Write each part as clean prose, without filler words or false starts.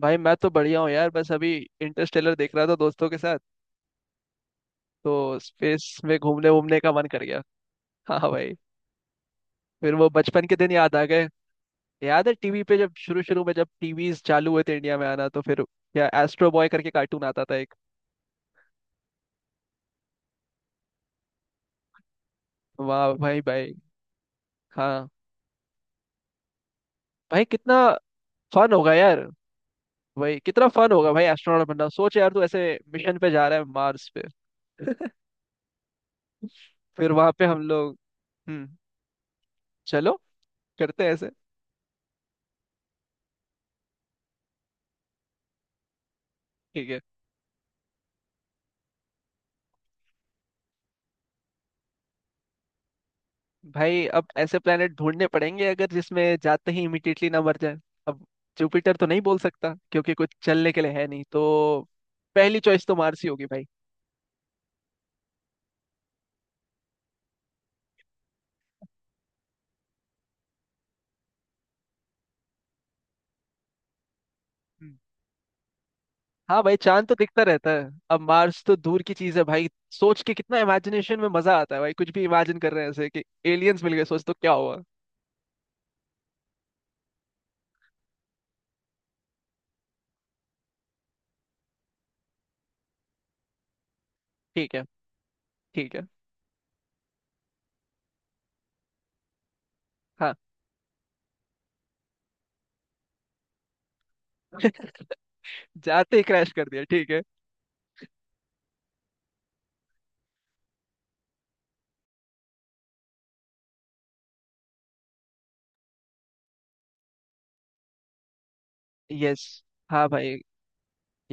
भाई मैं तो बढ़िया हूँ यार। बस अभी इंटरस्टेलर देख रहा था दोस्तों के साथ। तो स्पेस में घूमने वूमने का मन कर गया। हाँ भाई। फिर वो बचपन के दिन याद आ गए। याद है टीवी पे जब शुरू शुरू में जब टीवीज चालू हुए थे इंडिया में आना, तो फिर या एस्ट्रो बॉय करके कार्टून आता था एक। वाह भाई भाई। हाँ। भाई कितना फन होगा यार। भाई कितना फन होगा भाई एस्ट्रोनॉट बनना। सोच यार, तू ऐसे मिशन पे जा रहा है मार्स पे। फिर वहां पे हम लोग। हम्म। चलो, करते हैं ऐसे। ठीक है। भाई अब ऐसे प्लेनेट ढूंढने पड़ेंगे अगर, जिसमें जाते ही इमिडिएटली ना मर जाए। अब जुपिटर तो नहीं बोल सकता क्योंकि कुछ चलने के लिए है नहीं तो। पहली चॉइस तो मार्स ही होगी भाई। हम्म, हाँ भाई, चांद तो दिखता रहता है। अब मार्स तो दूर की चीज है भाई, सोच के कितना इमेजिनेशन में मजा आता है भाई। कुछ भी इमेजिन कर रहे हैं ऐसे कि एलियंस मिल गए, सोच तो क्या हुआ। ठीक है। ठीक है। हाँ। जाते ही क्रैश कर दिया, ठीक है। यस। हाँ भाई।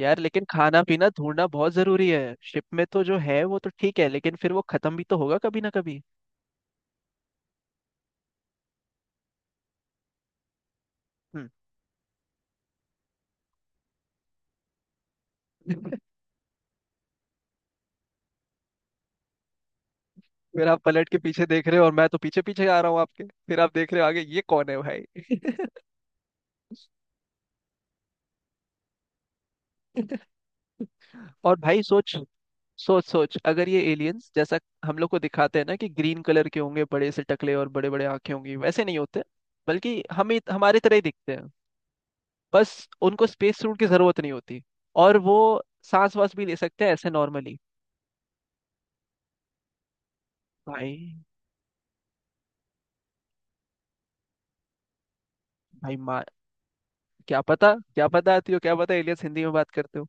यार लेकिन खाना पीना ढूंढना बहुत जरूरी है। शिप में तो जो है वो तो ठीक है, लेकिन फिर वो खत्म भी तो होगा कभी ना कभी। हम्म। फिर आप पलट के पीछे देख रहे हो और मैं तो पीछे पीछे आ रहा हूँ आपके, फिर आप देख रहे हो आगे ये कौन है भाई। और भाई सोच। सोच सोच, अगर ये एलियंस जैसा हम लोग को दिखाते हैं ना कि ग्रीन कलर के होंगे बड़े से टकले और बड़े बड़े आंखें होंगी, वैसे नहीं होते। बल्कि हमें हमारे तरह ही दिखते हैं। बस उनको स्पेस सूट की जरूरत नहीं होती। और वो सांस वास भी ले सकते हैं ऐसे नॉर्मली। भाई। भाई। क्या पता, क्या पता आती हो। क्या पता एलियंस हिंदी में बात करते हो।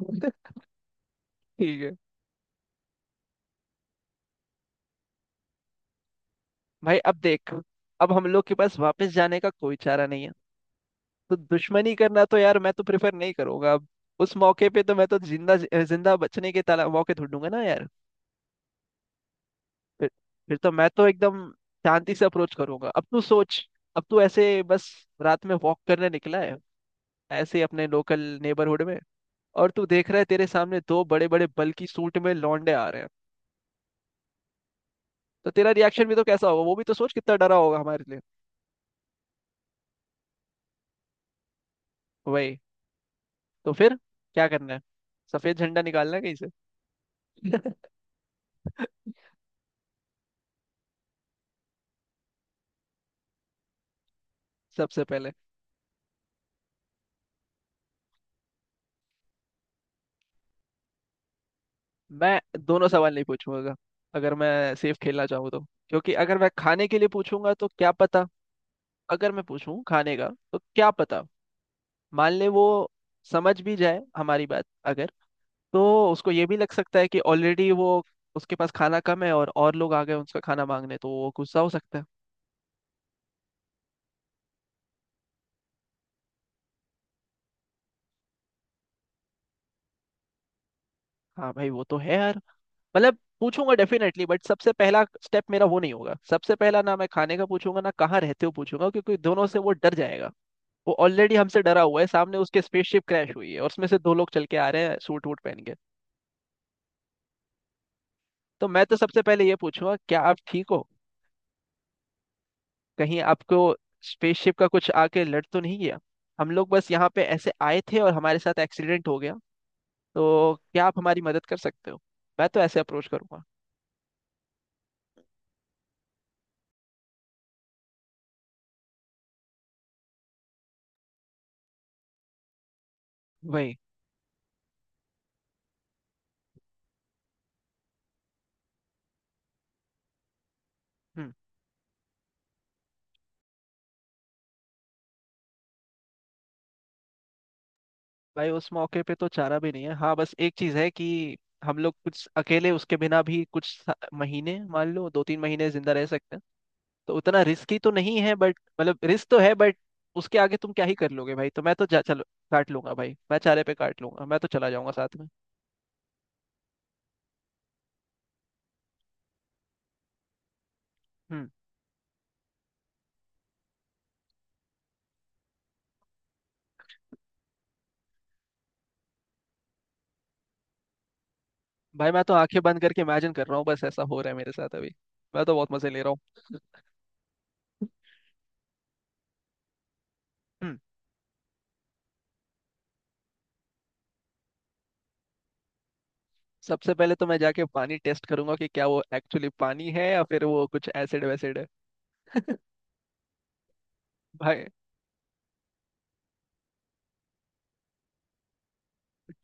बोलते, ठीक है। भाई अब देख, अब हम लोग के पास वापस जाने का कोई चारा नहीं है। तो दुश्मनी करना तो यार मैं तो प्रेफर नहीं करूंगा अब। उस मौके पे तो मैं तो जिंदा जिंदा बचने के ताला मौके ढूंढूंगा ना यार। फिर फिर तो मैं तो एकदम शांति से अप्रोच करूंगा। अब तू सोच, अब तू ऐसे बस रात में वॉक करने निकला है ऐसे ही अपने लोकल नेबरहुड में। और तू देख रहा है तेरे सामने दो बड़े बड़े बल्कि सूट में लौंडे आ रहे हैं। तो तेरा रिएक्शन भी तो कैसा होगा, वो भी तो सोच कितना डरा होगा हमारे लिए। वही तो। फिर क्या करना है, सफेद झंडा निकालना है कहीं से। सबसे पहले। मैं दोनों सवाल नहीं पूछूंगा अगर मैं सेफ खेलना चाहूँ तो। क्योंकि अगर मैं खाने के लिए पूछूंगा तो क्या पता। अगर मैं पूछूं खाने का तो क्या पता, मान ले वो समझ भी जाए हमारी बात। अगर, तो उसको ये भी लग सकता है कि ऑलरेडी वो, उसके पास खाना कम है और लोग आ गए उनका खाना मांगने, तो वो गुस्सा हो सकता है। हाँ भाई वो तो है यार। मतलब पूछूंगा डेफिनेटली बट सबसे पहला स्टेप मेरा वो नहीं होगा। सबसे पहला ना मैं खाने का पूछूंगा ना कहाँ रहते हो पूछूंगा, क्योंकि दोनों से वो डर जाएगा। वो ऑलरेडी हमसे डरा हुआ है, सामने उसके स्पेसशिप क्रैश हुई है और उसमें से दो लोग चल के आ रहे हैं सूट वूट पहन के। तो मैं तो सबसे पहले ये पूछूंगा, क्या आप ठीक हो, कहीं आपको स्पेसशिप का कुछ आके लड़ तो नहीं गया। हम लोग बस यहाँ पे ऐसे आए थे और हमारे साथ एक्सीडेंट हो गया, तो क्या आप हमारी मदद कर सकते हो। मैं तो ऐसे अप्रोच करूंगा। वही भाई। उस मौके पे तो चारा भी नहीं है, हाँ बस एक चीज है कि हम लोग कुछ अकेले उसके बिना भी कुछ महीने, मान लो 2-3 महीने जिंदा रह सकते हैं। तो उतना रिस्की तो नहीं है बट मतलब रिस्क तो है बट उसके आगे तुम क्या ही कर लोगे भाई। तो मैं तो जा, चलो काट लूंगा भाई। मैं चारे पे काट लूंगा, मैं तो चला जाऊंगा साथ में। हम्म। भाई मैं तो आंखें बंद करके इमेजिन कर रहा हूँ, बस ऐसा हो रहा है मेरे साथ अभी। मैं तो बहुत मजे ले रहा हूँ। हम्म। सबसे पहले तो मैं जाके पानी टेस्ट करूंगा कि क्या वो एक्चुअली पानी है या फिर वो कुछ एसिड वैसिड है। भाई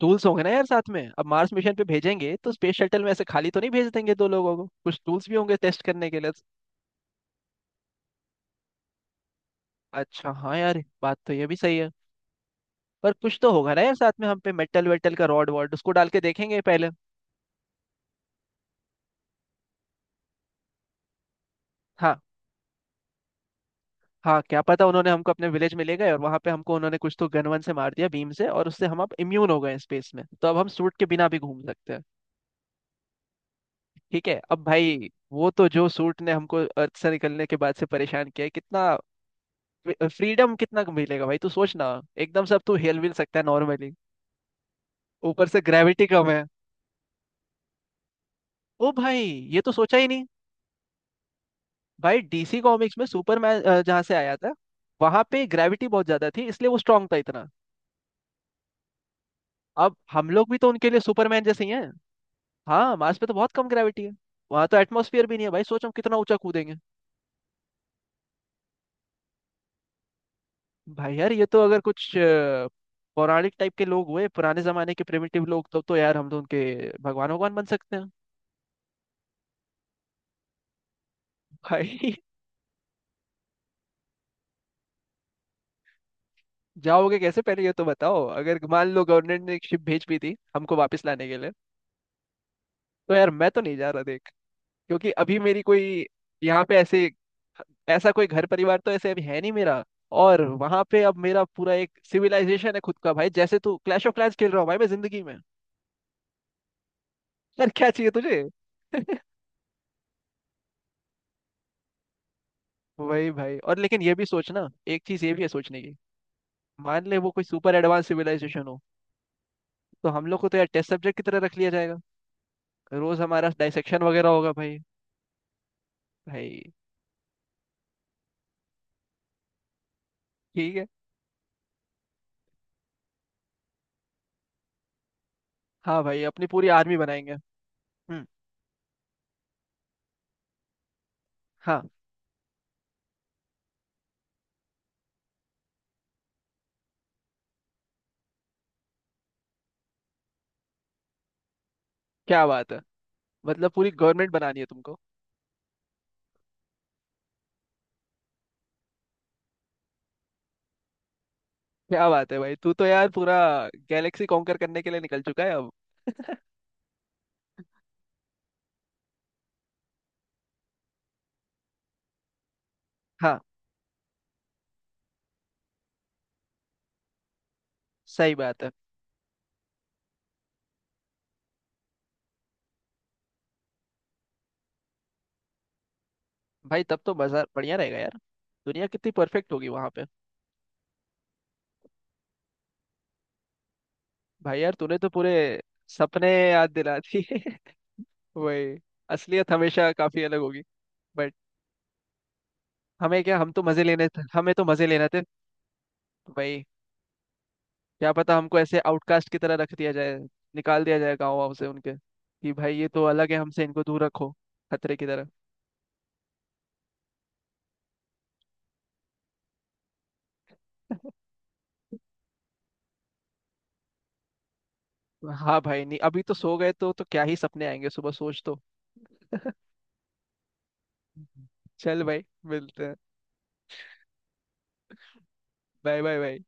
टूल्स होंगे ना यार साथ में। अब मार्स मिशन पे भेजेंगे तो स्पेस शटल में ऐसे खाली तो नहीं भेज देंगे दो लोगों को, कुछ टूल्स भी होंगे टेस्ट करने के लिए। अच्छा हाँ यार, बात तो ये भी सही है। पर कुछ तो होगा ना यार साथ में हम पे, मेटल वेटल का रॉड वॉड उसको डाल के देखेंगे पहले। हाँ हाँ, क्या पता उन्होंने हमको अपने विलेज में ले गए और वहां पे हमको उन्होंने कुछ तो गन वन से मार दिया बीम से, और उससे हम अब इम्यून हो गए हैं स्पेस में, तो अब हम सूट के बिना भी घूम सकते हैं। ठीक है। अब भाई वो तो, जो सूट ने हमको अर्थ से निकलने के बाद से परेशान किया है कितना, फ्रीडम कितना मिलेगा भाई तू सोच ना। एकदम से अब तू हिल मिल सकता है नॉर्मली। ऊपर से ग्रेविटी कम है। ओ भाई, ये तो सोचा ही नहीं। भाई डीसी कॉमिक्स में सुपरमैन जहाँ से आया था, वहां पे ग्रेविटी बहुत ज्यादा थी, इसलिए वो स्ट्रांग था इतना। अब हम लोग भी तो उनके लिए सुपरमैन जैसे ही हैं। हाँ, मार्स पे तो बहुत कम ग्रेविटी है। वहां तो एटमोसफियर भी नहीं है भाई, सोचो हम कितना ऊंचा कूदेंगे। भाई यार ये तो अगर कुछ पौराणिक टाइप के लोग हुए पुराने जमाने के प्रिमिटिव लोग, तो यार हम तो उनके भगवान भगवान बन सकते हैं। भाई जाओगे कैसे पहले ये तो बताओ, अगर मान लो गवर्नमेंट ने एक शिप भेज भी दी हमको वापस लाने के लिए। तो यार मैं तो नहीं जा रहा देख। क्योंकि अभी मेरी कोई यहाँ पे ऐसे, ऐसा कोई घर परिवार तो ऐसे अभी है नहीं मेरा। और वहां पे अब मेरा पूरा एक सिविलाइजेशन है खुद का भाई, जैसे तू क्लैश ऑफ क्लैंस खेल रहा हूँ भाई मैं जिंदगी में। यार क्या चाहिए तुझे। वही भाई। और लेकिन ये भी सोचना, एक चीज ये भी है सोचने की। मान ले वो कोई सुपर एडवांस सिविलाइजेशन हो, तो हम लोग को तो यार टेस्ट सब्जेक्ट की तरह रख लिया जाएगा। रोज हमारा डाइसेक्शन वगैरह होगा भाई। भाई। ठीक है। हाँ भाई, अपनी पूरी आर्मी बनाएंगे। हम्म। हाँ। क्या बात है। मतलब पूरी गवर्नमेंट बनानी है तुमको। क्या बात है भाई, तू तो यार पूरा गैलेक्सी कॉन्कर करने के लिए निकल चुका है अब। हाँ, सही बात है। भाई तब तो बाजार बढ़िया रहेगा यार। दुनिया कितनी परफेक्ट होगी वहां पे। भाई यार तूने तो पूरे सपने याद दिला दिए। वही। असलियत हमेशा काफी अलग होगी बट, हमें क्या, हम तो मजे लेने थे, हमें तो मजे लेना थे। भाई क्या पता हमको ऐसे आउटकास्ट की तरह रख दिया जाए, निकाल दिया जाए गाँव वाँव से उनके कि भाई ये तो अलग है हमसे, इनको दूर रखो। खतरे की तरह। हाँ भाई नहीं, अभी तो सो गए तो क्या ही सपने आएंगे सुबह, सोच तो। चल भाई मिलते हैं। Bye bye bye.